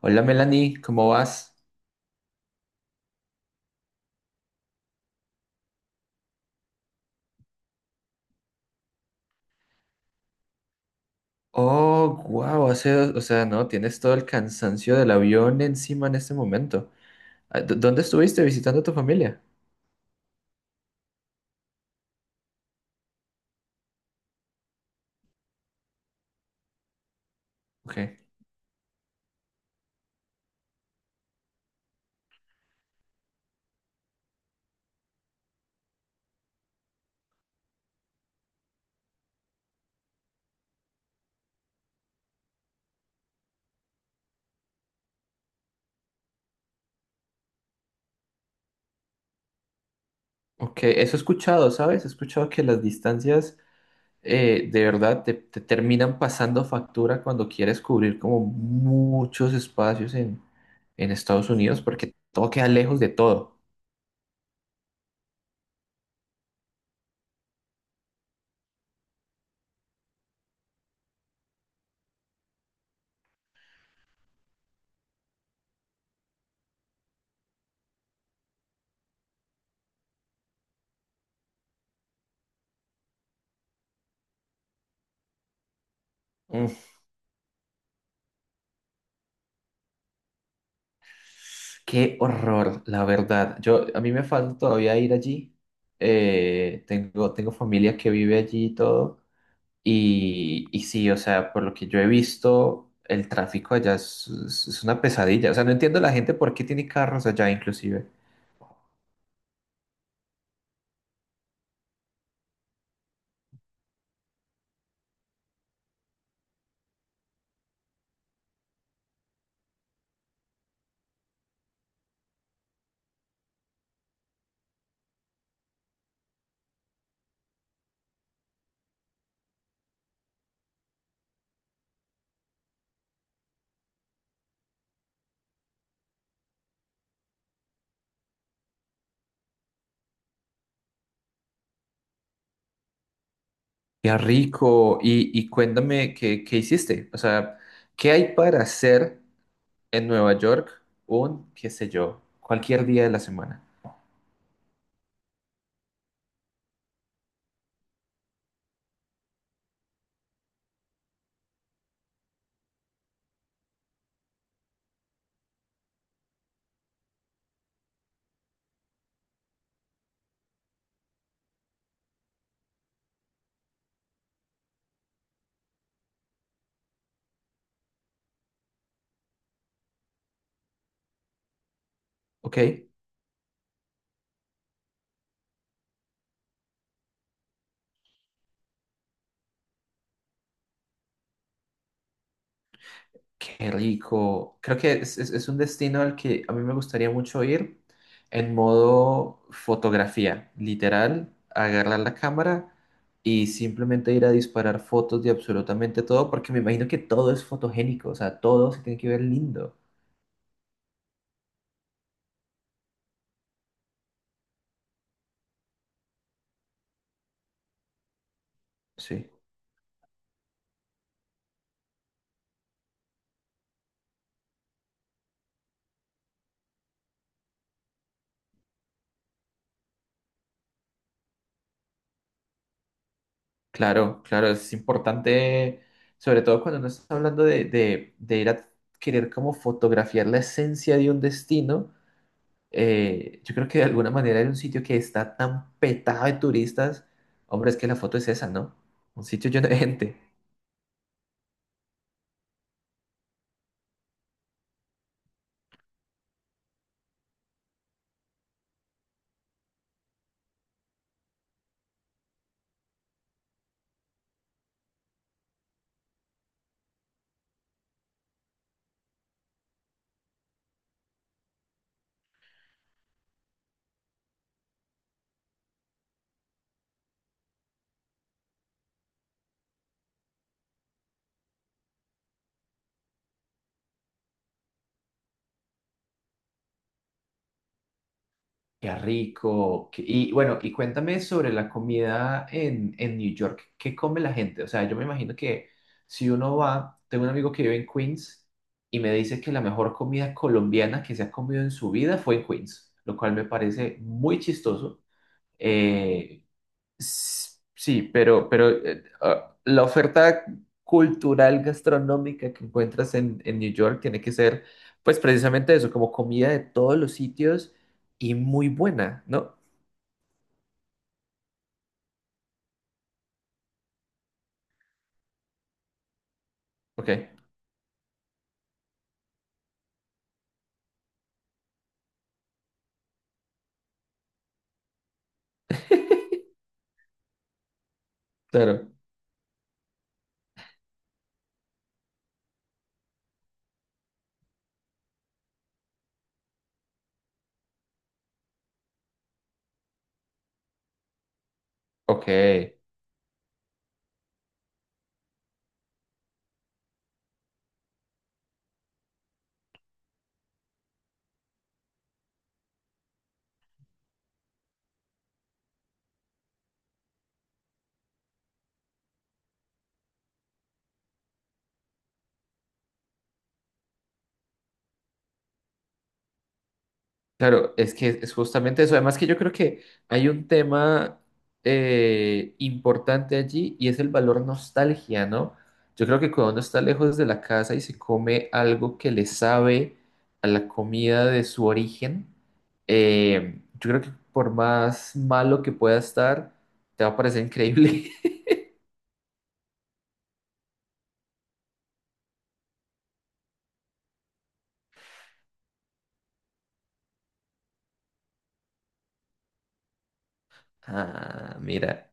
Hola Melanie, ¿cómo vas? Oh, wow, hace, o sea, no, tienes todo el cansancio del avión encima en este momento. ¿Dónde estuviste visitando a tu familia? Ok, ok, eso he escuchado, ¿sabes? He escuchado que las distancias de verdad te terminan pasando factura cuando quieres cubrir como muchos espacios en Estados Unidos porque todo queda lejos de todo. Qué horror, la verdad. Yo, a mí me falta todavía ir allí. Tengo familia que vive allí y todo. Y sí, o sea, por lo que yo he visto, el tráfico allá es una pesadilla. O sea, no entiendo la gente por qué tiene carros allá, inclusive. Qué rico. Y cuéntame, qué hiciste? O sea, ¿qué hay para hacer en Nueva York un, qué sé yo, cualquier día de la semana? ¿Ok? Qué rico. Creo que es un destino al que a mí me gustaría mucho ir en modo fotografía, literal, agarrar la cámara y simplemente ir a disparar fotos de absolutamente todo, porque me imagino que todo es fotogénico, o sea, todo se tiene que ver lindo. Sí, claro, claro, es importante, sobre todo cuando no estás hablando de ir a querer como fotografiar la esencia de un destino. Yo creo que de alguna manera era un sitio que está tan petado de turistas. Hombre, es que la foto es esa, ¿no? Un sitio lleno de gente. Qué rico. Qué- Y bueno, y cuéntame sobre la comida en New York. ¿Qué come la gente? O sea, yo me imagino que si uno va, tengo un amigo que vive en Queens y me dice que la mejor comida colombiana que se ha comido en su vida fue en Queens, lo cual me parece muy chistoso. Eh, Sí, la oferta cultural gastronómica que encuentras en New York tiene que ser, pues precisamente eso, como comida de todos los sitios y muy buena, ¿no? Ok, claro. Ok. Claro, es que es justamente eso. Además que yo creo que hay un tema importante allí y es el valor nostalgia, ¿no? Yo creo que cuando uno está lejos de la casa y se come algo que le sabe a la comida de su origen, yo creo que por más malo que pueda estar, te va a parecer increíble. Ah, mira,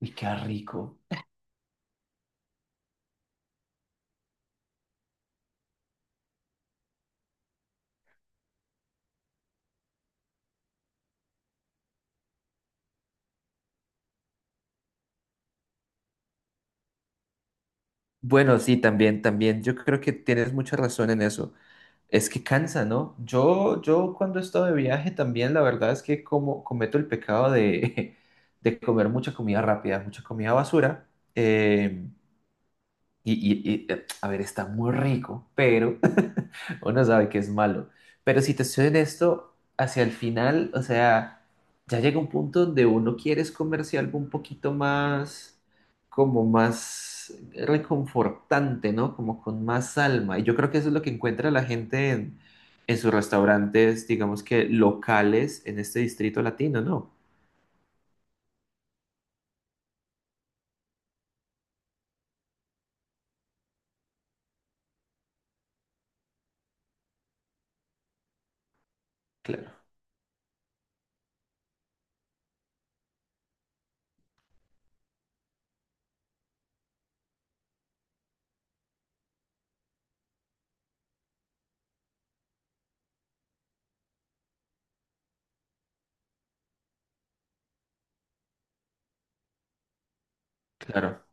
y qué rico. Bueno, sí, también, también. Yo creo que tienes mucha razón en eso. Es que cansa, ¿no? Yo cuando he estado de viaje también, la verdad es que como cometo el pecado de, de comer mucha comida rápida, mucha comida basura. eh, a ver, está muy rico, pero uno sabe que es malo. Pero si te soy honesto, hacia el final, o sea, ya llega un punto donde uno quiere es comerse algo un poquito más, como más reconfortante, ¿no? Como con más alma. Y yo creo que eso es lo que encuentra la gente en sus restaurantes, digamos que locales en este distrito latino, ¿no? Claro, claro.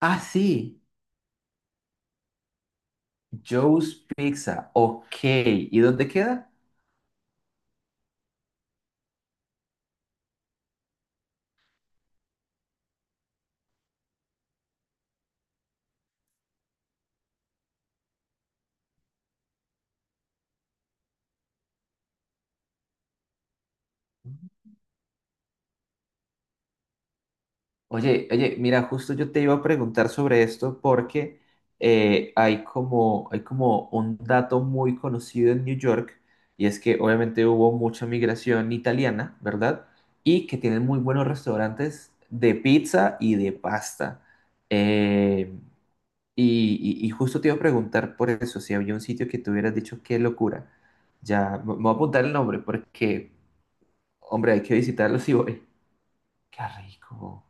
Ah, sí, Joe's Pizza. Ok. ¿Y dónde queda? Oye, oye, mira, justo yo te iba a preguntar sobre esto porque hay como un dato muy conocido en New York y es que obviamente hubo mucha migración italiana, ¿verdad? Y que tienen muy buenos restaurantes de pizza y de pasta. Eh, y justo te iba a preguntar por eso, si había un sitio que te hubieras dicho qué locura. Ya, me voy a apuntar el nombre porque, hombre, hay que visitarlo si voy. Qué rico.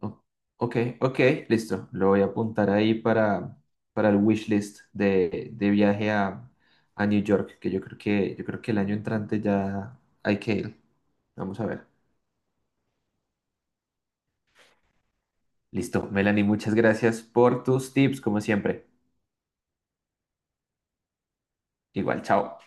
O- Ok, ok, listo. Lo voy a apuntar ahí para el wishlist de viaje a New York, que yo creo que, yo creo que el año entrante ya hay que ir. Vamos a ver. Listo, Melanie, muchas gracias por tus tips, como siempre. Igual, chao.